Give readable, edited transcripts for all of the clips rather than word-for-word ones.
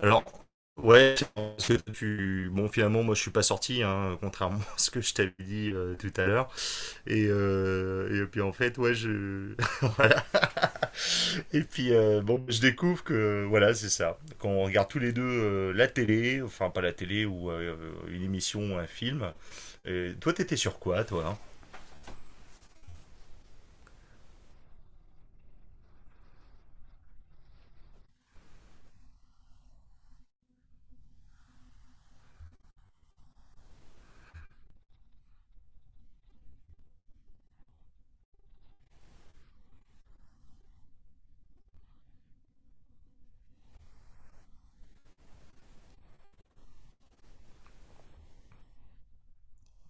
Alors, ouais, bon, finalement, moi, je suis pas sorti, hein, contrairement à ce que je t'avais dit tout à l'heure. Et puis, en fait, ouais, voilà. Et puis, bon, je découvre que, voilà, c'est ça. Quand on regarde tous les deux la télé, enfin, pas la télé, ou une émission, un film. Et toi, t'étais sur quoi, toi, hein?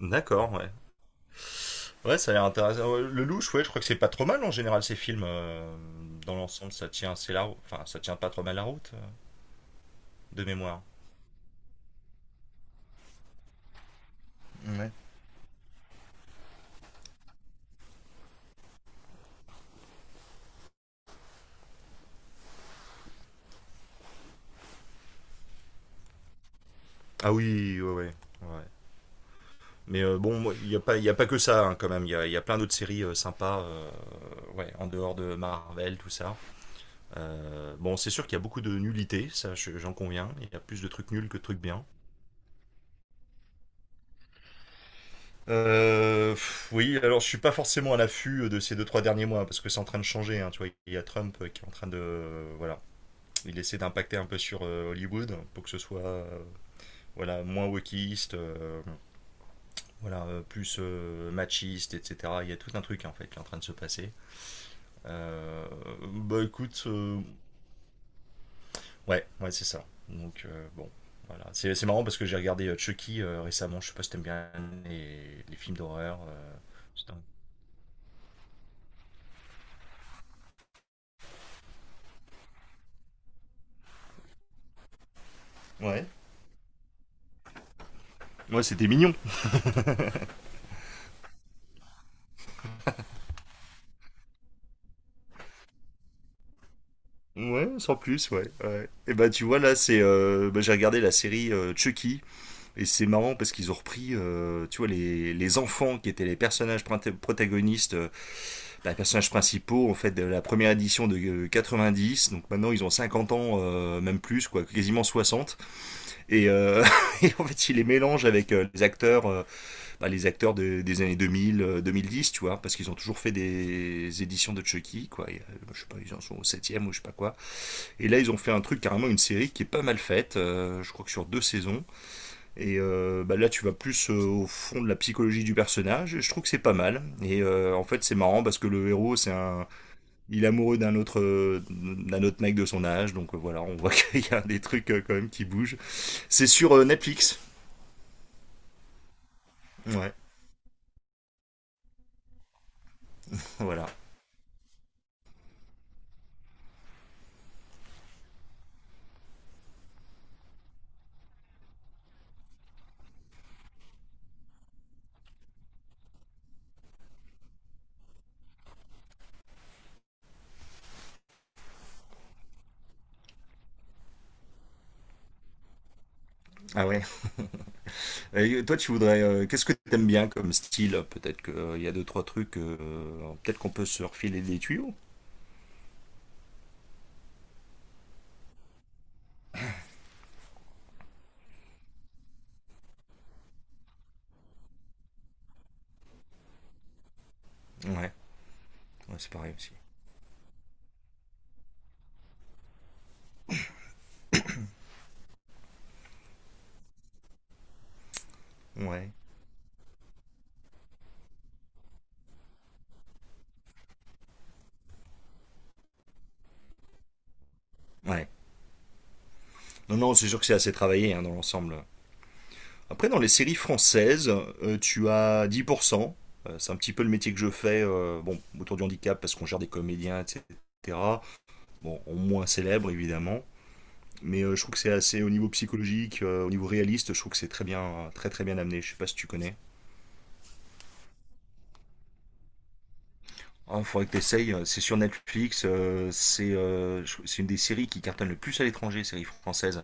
D'accord, ouais. Ouais, ça a l'air intéressant. Ouais, Le louche, ouais, je crois que c'est pas trop mal en général, ces films. Dans l'ensemble, ça tient, enfin, ça tient pas trop mal la route, de mémoire. Ouais. Ah oui, ouais, ouais, ouais. Mais bon, moi, il y a pas que ça, hein, quand même. Il y a plein d'autres séries sympas, ouais, en dehors de Marvel, tout ça. Bon, c'est sûr qu'il y a beaucoup de nullité, ça, j'en conviens. Il y a plus de trucs nuls que de trucs bien. Oui, alors je suis pas forcément à l'affût de ces deux, trois derniers mois, parce que c'est en train de changer, hein, tu vois. Il y a Trump qui est en train de... voilà. Il essaie d'impacter un peu sur Hollywood pour que ce soit, voilà, moins wokiste, voilà, plus machiste, etc. Il y a tout un truc en fait qui est en train de se passer. Euh, Bah écoute, ouais, ouais, c'est ça. Donc bon, voilà. C'est marrant parce que j'ai regardé Chucky récemment. Je sais pas si t'aimes bien les films d'horreur. C'est un- Ouais. Ouais, c'était mignon. Ouais, sans plus, ouais, ouais. Et bah tu vois là, c'est bah, j'ai regardé la série Chucky et c'est marrant parce qu'ils ont repris, tu vois, les enfants qui étaient les personnages print- protagonistes les personnages principaux, en fait, de la première édition de 90. Donc maintenant, ils ont 50 ans, même plus, quoi, quasiment 60, et, euh, et en fait, ils les mélangent avec les acteurs, les acteurs des années 2000, 2010, tu vois, parce qu'ils ont toujours fait des éditions de Chucky, quoi. Je sais pas, ils en sont au septième ou je sais pas quoi, et là ils ont fait un truc, carrément une série qui est pas mal faite. Je crois que sur 2 saisons. Là tu vas plus au fond de la psychologie du personnage et je trouve que c'est pas mal. En fait, c'est marrant parce que le héros, c'est un il est amoureux d'un autre, mec de son âge. Donc voilà, on voit qu'il y a des trucs, quand même, qui bougent. C'est sur Netflix. Ouais, voilà. Ah ouais. Et toi, tu voudrais, qu'est-ce que t'aimes bien comme style? Peut-être qu'il y a deux trois trucs. Peut-être qu'on peut se refiler des tuyaux. Ouais, ouais, c'est pareil aussi. Ouais. Ouais. Non, non, c'est sûr que c'est assez travaillé, hein, dans l'ensemble. Après, dans les séries françaises, tu as 10%. C'est un petit peu le métier que je fais, bon, autour du handicap, parce qu'on gère des comédiens, etc. Bon, moins célèbre évidemment. Mais je trouve que c'est assez au niveau psychologique, au niveau réaliste, je trouve que c'est très bien, très très bien amené. Je sais pas si tu connais. Il faudrait que tu essayes. C'est sur Netflix. C'est une des séries qui cartonne le plus à l'étranger, série française.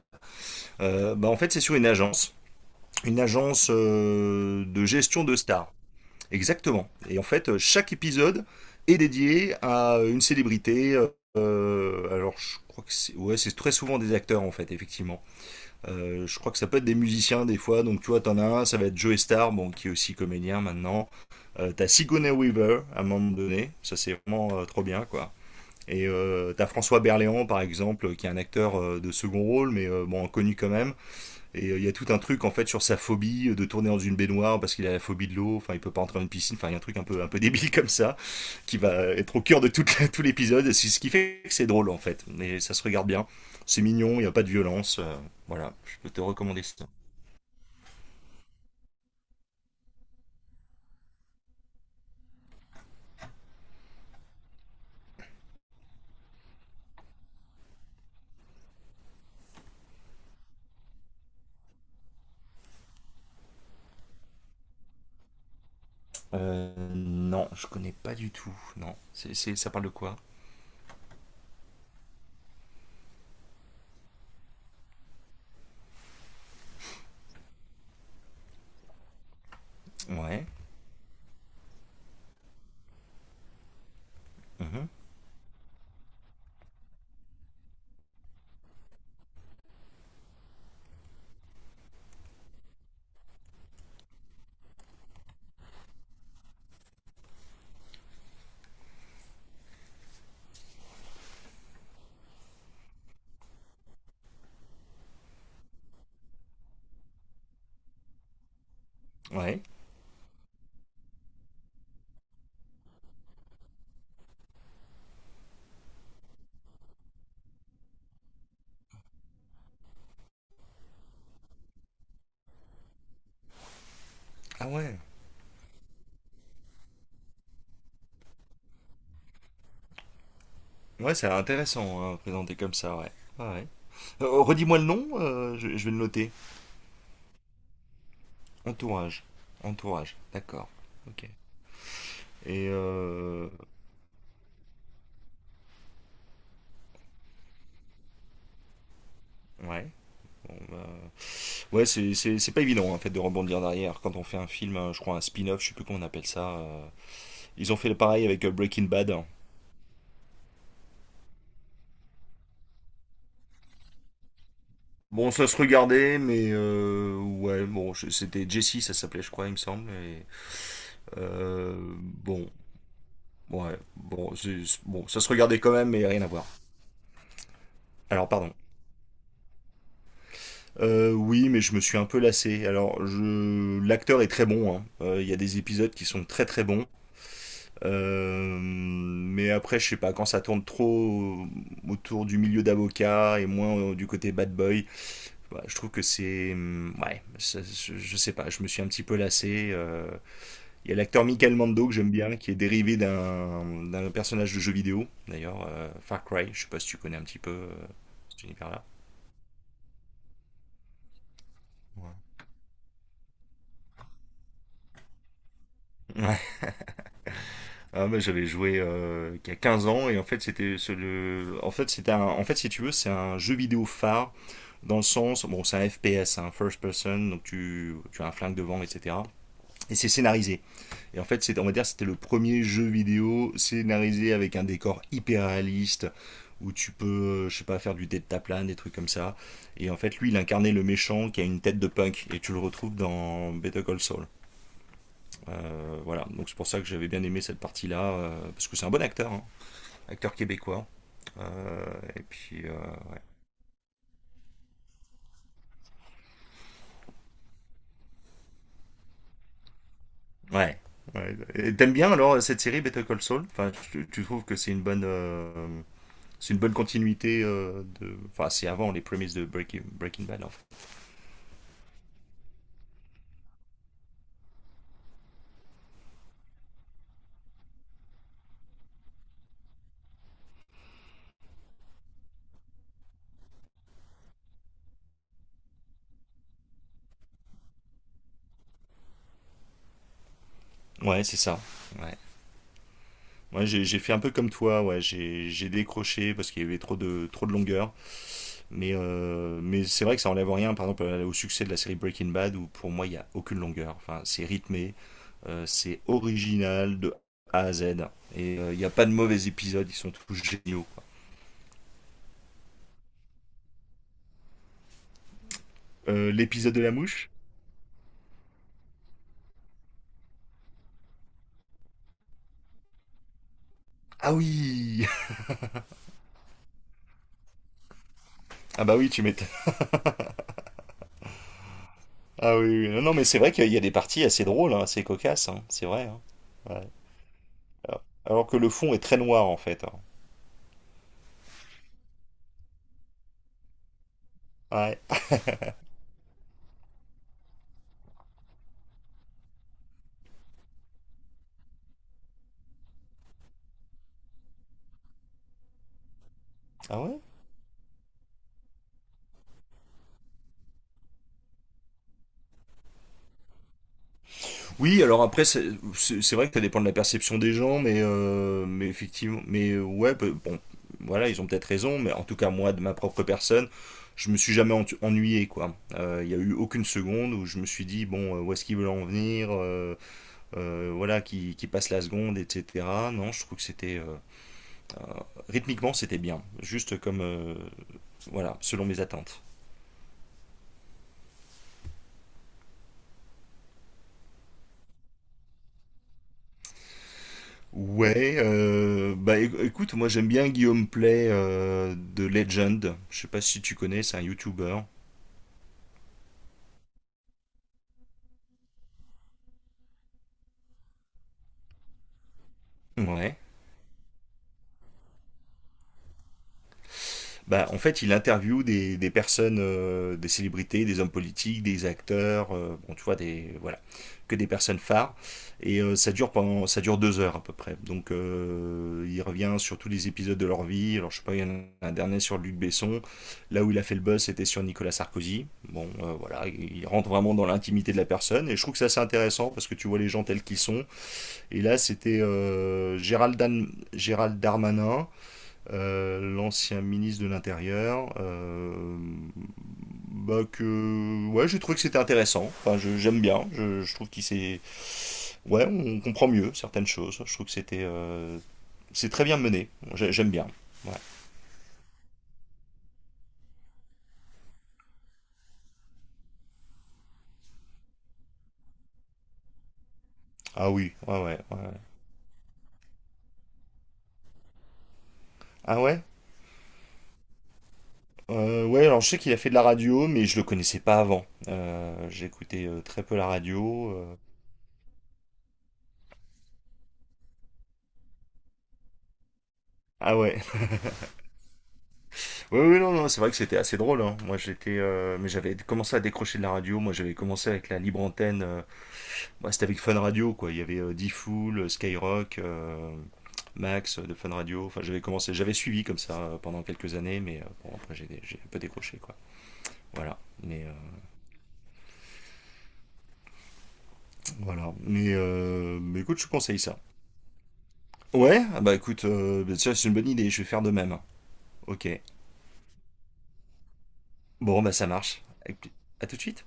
Bah, en fait, c'est sur une agence. Une agence de gestion de stars. Exactement. Et en fait, chaque épisode est dédié à une célébrité. Alors, je crois que c'est ouais, c'est très souvent des acteurs, en fait, effectivement. Je crois que ça peut être des musiciens des fois. Donc tu vois, t'en as un, ça va être Joe Star, bon, qui est aussi comédien maintenant. T'as Sigourney Weaver à un moment donné, ça c'est vraiment trop bien, quoi. T'as François Berléand, par exemple, qui est un acteur, de second rôle, mais bon, connu quand même. Il y a tout un truc en fait sur sa phobie de tourner dans une baignoire parce qu'il a la phobie de l'eau. Enfin, il peut pas entrer dans une piscine. Enfin, il y a un truc un peu débile comme ça, qui va être au cœur de tout l'épisode. C'est ce qui fait que c'est drôle en fait. Mais ça se regarde bien. C'est mignon, il n'y a pas de violence. Voilà, je peux te recommander ça. Non, je connais pas du tout. Non. Ça parle de quoi? Ouais. Mhm, ouais. Ah ouais. Ouais, c'est intéressant, hein, présenté comme ça, ouais. Ouais, ouais. Redis-moi le nom, je vais le noter. Entourage. Entourage, d'accord. Ok. Et euh... Ouais, bon bah... Ouais, c'est pas évident, en fait, de rebondir derrière quand on fait un film, je crois, un spin-off, je sais plus comment on appelle ça. Ils ont fait le pareil avec Breaking Bad. Bon, ça se regardait, mais ouais, bon, c'était Jesse, ça s'appelait, je crois, il me semble. Bon, ouais, bon, bon, ça se regardait quand même, mais rien à voir. Alors, pardon. Oui, mais je me suis un peu lassé. Alors, l'acteur est très bon, hein. Il y a des épisodes qui sont très très bons. Mais après, je sais pas, quand ça tourne trop autour du milieu d'avocat et moins, du côté bad boy, bah, je trouve que ouais, sais pas, je me suis un petit peu lassé. Il y a l'acteur Michael Mando que j'aime bien, qui est dérivé d'un personnage de jeu vidéo, d'ailleurs, Far Cry, je sais pas si tu connais un petit peu cet univers-là. Ouais. Ouais. Ah, bah, j'avais joué il y a 15 ans, et en fait c'était ce- le... en fait c'était un... en fait, si tu veux, c'est un jeu vidéo phare, dans le sens, bon, c'est un FPS, un first person, donc tu as un flingue devant, etc, et c'est scénarisé, et en fait c'est, on va dire, c'était le premier jeu vidéo scénarisé avec un décor hyper réaliste, où tu peux, je sais pas, faire du deltaplane, des trucs comme ça. Et en fait, lui, il incarnait le méchant, qui a une tête de punk, et tu le retrouves dans Better Call Saul. Voilà, donc c'est pour ça que j'avais bien aimé cette partie-là, parce que c'est un bon acteur, hein. Acteur québécois. Euh, et puis, euh, ouais, ouais. T'aimes bien alors cette série Better Call Saul? Enfin, tu trouves que c'est une bonne continuité, enfin, c'est avant les prémices de Breaking Bad, en fait. Ouais, c'est ça. Ouais. Moi, j'ai fait un peu comme toi, ouais, j'ai décroché parce qu'il y avait trop de longueur, mais c'est vrai que ça enlève rien, par exemple, au succès de la série Breaking Bad, où pour moi, il y a aucune longueur. Enfin, c'est rythmé. C'est original de A à Z. Et il n'y a pas de mauvais épisodes, ils sont tous géniaux, quoi. L'épisode de la mouche. Ah oui. Ah bah oui, tu m'étonnes. Ah oui, oui. Non, non, mais c'est vrai qu'il y a des parties assez drôles, hein, assez cocasses, hein, c'est vrai, hein. Ouais. Alors, que le fond est très noir, en fait, hein. Ouais. Ah ouais. Oui, alors après, c'est vrai que ça dépend de la perception des gens, mais effectivement, ouais, bon, voilà, ils ont peut-être raison, mais en tout cas, moi, de ma propre personne, je me suis jamais ennuyé, quoi. Il y a eu aucune seconde où je me suis dit, bon, où est-ce qu'ils veulent en venir, voilà, qui passe la seconde, etc. Non, je trouve que c'était, rythmiquement, c'était bien, juste comme, voilà, selon mes attentes. Ouais, écoute, moi j'aime bien Guillaume Play de Legend. Je sais pas si tu connais, c'est un YouTuber. Ouais. Bah, en fait, il interviewe des personnes, des célébrités, des hommes politiques, des acteurs, bon, tu vois, voilà, que des personnes phares. Ça dure pendant, ça dure 2 heures à peu près. Donc, il revient sur tous les épisodes de leur vie. Alors, je sais pas, il y en a un dernier sur Luc Besson. Là où il a fait le buzz, c'était sur Nicolas Sarkozy. Bon, voilà, il rentre vraiment dans l'intimité de la personne. Et je trouve que ça, c'est intéressant parce que tu vois les gens tels qu'ils sont. Et là, c'était Gérald Darmanin, l'ancien ministre de l'Intérieur, que ouais, j'ai trouvé que c'était intéressant. Enfin, j'aime bien. Je trouve qu'ouais, on comprend mieux certaines choses. Je trouve que c'est très bien mené. J'aime bien. Ouais. Ah oui, ouais, ouais, ouais, ouais. Ah ouais? Ouais, alors je sais qu'il a fait de la radio, mais je le connaissais pas avant. J'écoutais très peu la radio. Ah ouais. Oui, oui, non, non, c'est vrai que c'était assez drôle, hein. Moi, mais j'avais commencé à décrocher de la radio. Moi, j'avais commencé avec la libre antenne. Bah, c'était avec Fun Radio, quoi. Il y avait D-Fool, Skyrock, Max de Fun Radio. Enfin, j'avais suivi comme ça pendant quelques années, mais bon, après, j'ai un peu décroché, quoi. Voilà. Voilà. Mais écoute, je conseille ça. Ouais, ah bah écoute, bah, c'est une bonne idée, je vais faire de même. Ok. Bon, bah ça marche. À tout de suite.